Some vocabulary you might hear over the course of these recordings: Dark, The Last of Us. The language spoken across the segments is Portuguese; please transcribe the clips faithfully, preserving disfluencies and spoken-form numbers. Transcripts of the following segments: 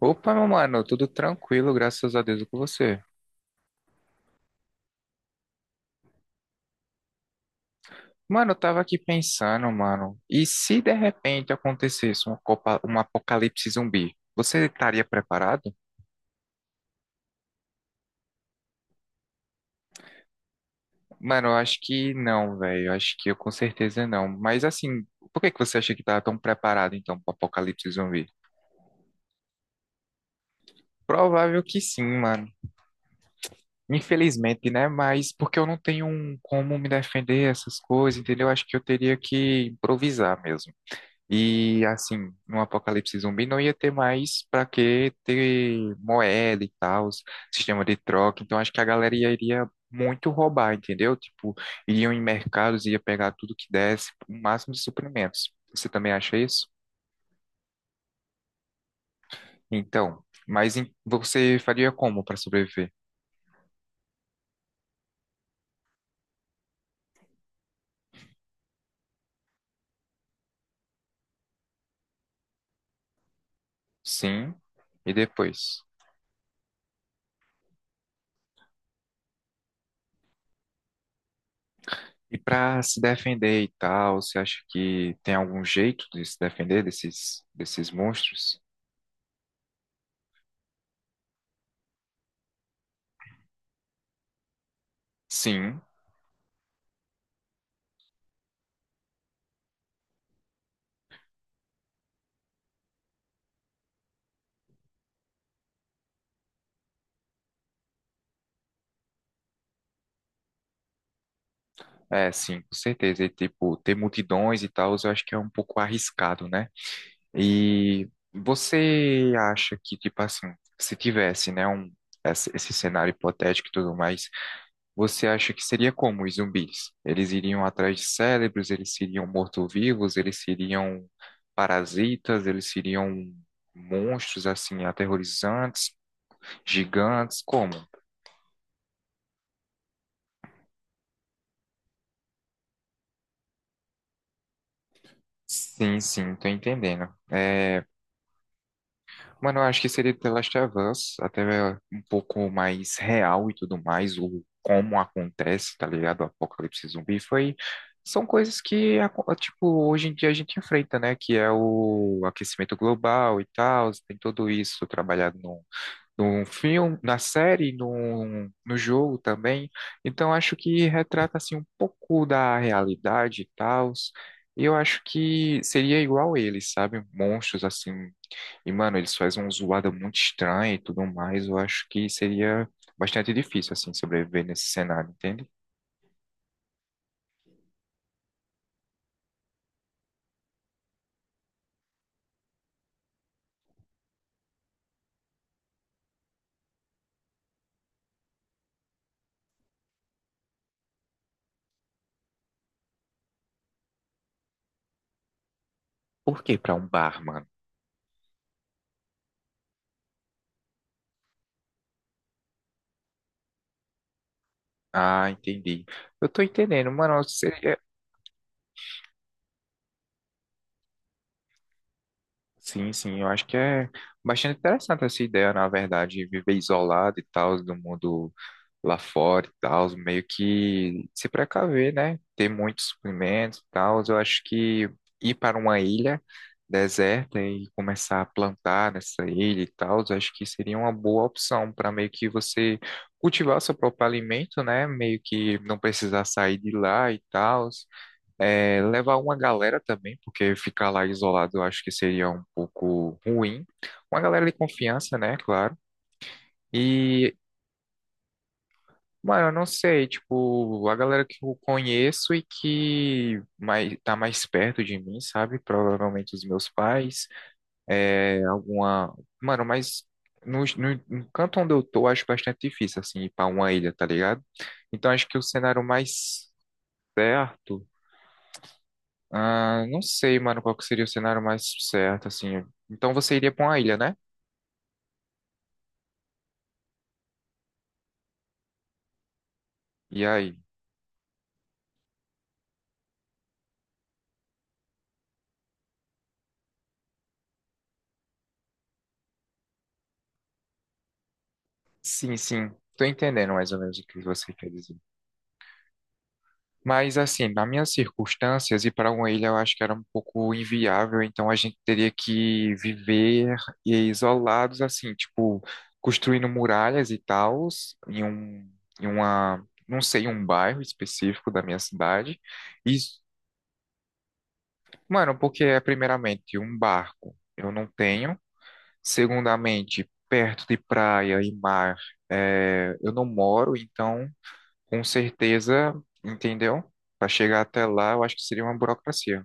Opa, meu mano, tudo tranquilo, graças a Deus e com você. Mano, eu tava aqui pensando, mano, e se de repente acontecesse uma copa, um apocalipse zumbi, você estaria preparado? Mano, eu acho que não, velho, eu acho que eu com certeza não. Mas assim, por que que você acha que tava tão preparado então pro apocalipse zumbi? Provável que sim, mano. Infelizmente, né? Mas porque eu não tenho um como me defender essas coisas, entendeu? Eu Acho que eu teria que improvisar mesmo. E assim, no apocalipse zumbi não ia ter mais para que ter moeda e tal, sistema de troca. Então acho que a galera ia- iria muito roubar, entendeu? Tipo, iriam em mercados, ia pegar tudo que desse, o máximo de suprimentos. Você também acha isso? Então, mas em- você faria como para sobreviver? Sim, e depois? E para se defender e tal, você acha que tem algum jeito de se defender desses, desses monstros? Sim. É, sim, com certeza. E, tipo, ter multidões e tal, eu acho que é um pouco arriscado, né? E você acha que, tipo assim, se tivesse, né, um, esse, esse cenário hipotético e tudo mais, você acha que seria como os zumbis? Eles iriam atrás de cérebros, eles seriam mortos-vivos, eles seriam parasitas, eles seriam monstros, assim, aterrorizantes, gigantes, como? Sim, sim, tô entendendo. É, mano, eu acho que seria The Last of Us, até é, um pouco mais real e tudo mais, o como acontece, tá ligado? O apocalipse zumbi foi. São coisas que, aco- tipo, hoje em dia a gente enfrenta, né? Que é o aquecimento global e tal, tem tudo isso trabalhado num, num filme, na série, num, no jogo também. Então, acho que retrata, assim, um pouco da realidade e tal. E eu acho que seria igual eles, sabe? Monstros, assim, e, mano, eles fazem uma zoada muito estranha e tudo mais. Eu acho que seria bastante difícil, assim, sobreviver nesse cenário, entende? Por que pra um bar, mano? Ah, entendi. Eu tô entendendo, mano. Sim, sim, eu acho que é bastante interessante essa ideia, na verdade, de viver isolado e tal, do mundo lá fora e tal, meio que se precaver, né? Ter muitos suprimentos e tal. Eu acho que ir para uma ilha deserta e começar a plantar nessa ilha e tal, eu acho que seria uma boa opção para meio que você cultivar o seu próprio alimento, né? Meio que não precisar sair de lá e tal. É, levar uma galera também, porque ficar lá isolado eu acho que seria um pouco ruim. Uma galera de confiança, né? Claro. E, mano, eu não sei, tipo, a galera que eu conheço e que mais, tá mais perto de mim, sabe? Provavelmente os meus pais, é, alguma. Mano, mas. No, no, no canto onde eu tô, acho bastante difícil, assim, ir pra uma ilha, tá ligado? Então, acho que o cenário mais certo. Ah, não sei, mano, qual que seria o cenário mais certo, assim. Então você iria pra uma ilha, né? E aí? Sim, sim. Tô entendendo mais ou menos o que você quer dizer. Mas, assim, nas minhas circunstâncias, ir para uma ilha eu acho que era um pouco inviável, então a gente teria que viver e isolados, assim, tipo, construindo muralhas e tals, em um, em uma, não sei, um bairro específico da minha cidade. E, mano, porque é primeiramente um barco. Eu não tenho. Segundamente, perto de praia e mar, é, eu não moro, então, com certeza, entendeu? Para chegar até lá, eu acho que seria uma burocracia.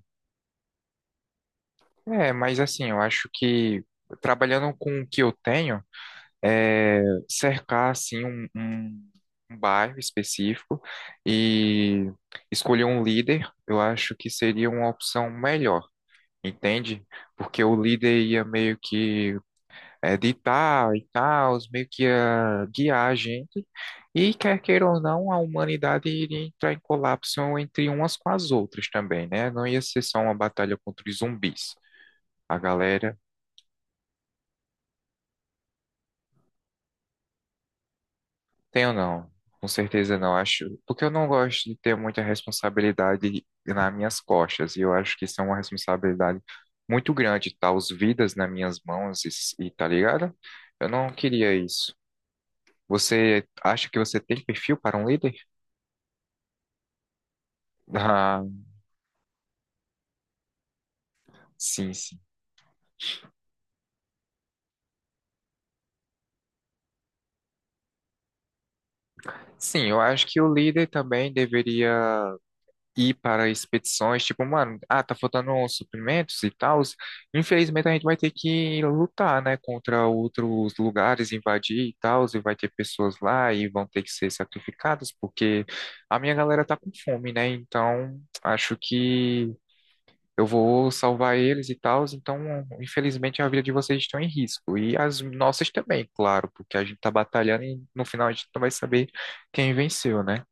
É, mas assim, eu acho que trabalhando com o que eu tenho, é, cercar assim um, um- um bairro específico e escolher um líder, eu acho que seria uma opção melhor, entende? Porque o líder ia meio que editar e tal, meio que ia guiar a gente, e quer queira ou não, a humanidade iria entrar em colapso entre umas com as outras também, né? Não ia ser só uma batalha contra os zumbis. A galera, tem ou não? Com certeza não, acho. Porque eu não gosto de ter muita responsabilidade nas minhas costas, e eu acho que isso é uma responsabilidade muito grande, tá? Os vidas nas minhas mãos, e, e tá ligado? Eu não queria isso. Você acha que você tem perfil para um líder? Sim, sim. Sim, eu acho que o líder também deveria ir para expedições, tipo, mano, ah, tá faltando uns suprimentos e tal. Infelizmente a gente vai ter que lutar, né, contra outros lugares, invadir e tal, e vai ter pessoas lá e vão ter que ser sacrificadas, porque a minha galera tá com fome, né? Então, acho que eu vou salvar eles e tal, então infelizmente a vida de vocês estão em risco. E as nossas também, claro, porque a gente tá batalhando e no final a gente não vai saber quem venceu, né?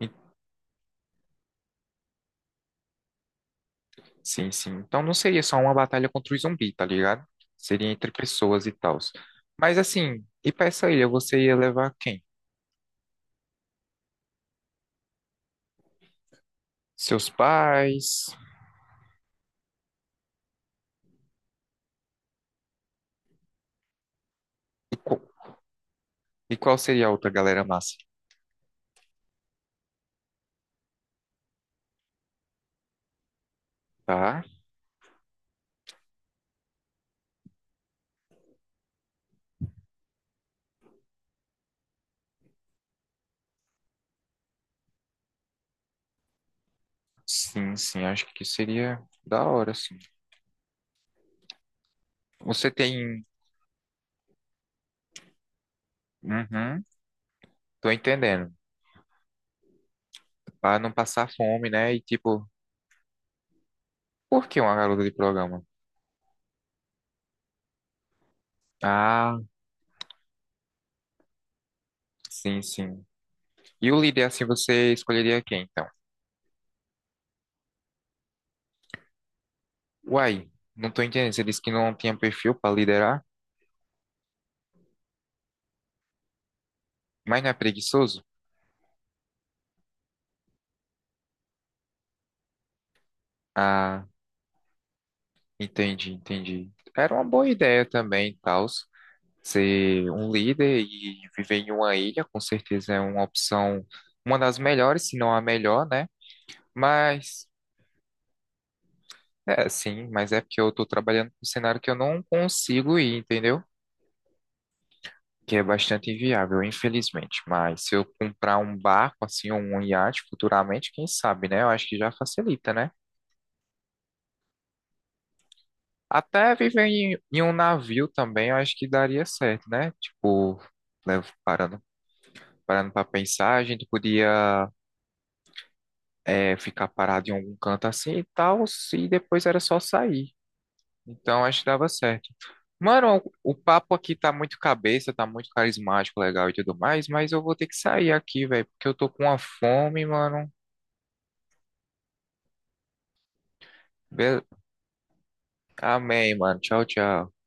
E- Sim, sim. Então não seria só uma batalha contra o zumbi, tá ligado? Seria entre pessoas e tal. Mas assim, e pra essa ilha, você ia levar quem? Seus pais? E qual seria a outra galera massa? Tá? Sim, sim, acho que seria da hora, sim. Você tem. Uhum, tô entendendo. Pra não passar fome, né? E tipo, por que uma garota de programa? Ah, sim, sim. E o líder, assim, você escolheria quem, então? Uai, não tô entendendo. Você disse que não tinha perfil pra liderar, mas não é preguiçoso? Ah, entendi, entendi. Era uma boa ideia também, tal. Ser um líder e viver em uma ilha, com certeza é uma opção, uma das melhores, se não a melhor, né? Mas, é, sim, mas é porque eu tô trabalhando com um cenário que eu não consigo ir, entendeu? Que é bastante inviável, infelizmente. Mas se eu comprar um barco, assim, ou um iate futuramente, quem sabe, né? Eu acho que já facilita, né? Até viver em, em um navio também, eu acho que daria certo, né? Tipo, né, parando, parando para pensar, a gente podia é, ficar parado em algum canto assim e tal, e depois era só sair. Então, acho que dava certo. Mano, o o papo aqui tá muito cabeça, tá muito carismático, legal e tudo mais, mas eu vou ter que sair aqui, velho, porque eu tô com uma fome, mano. Beleza. Amém, mano. Tchau, tchau.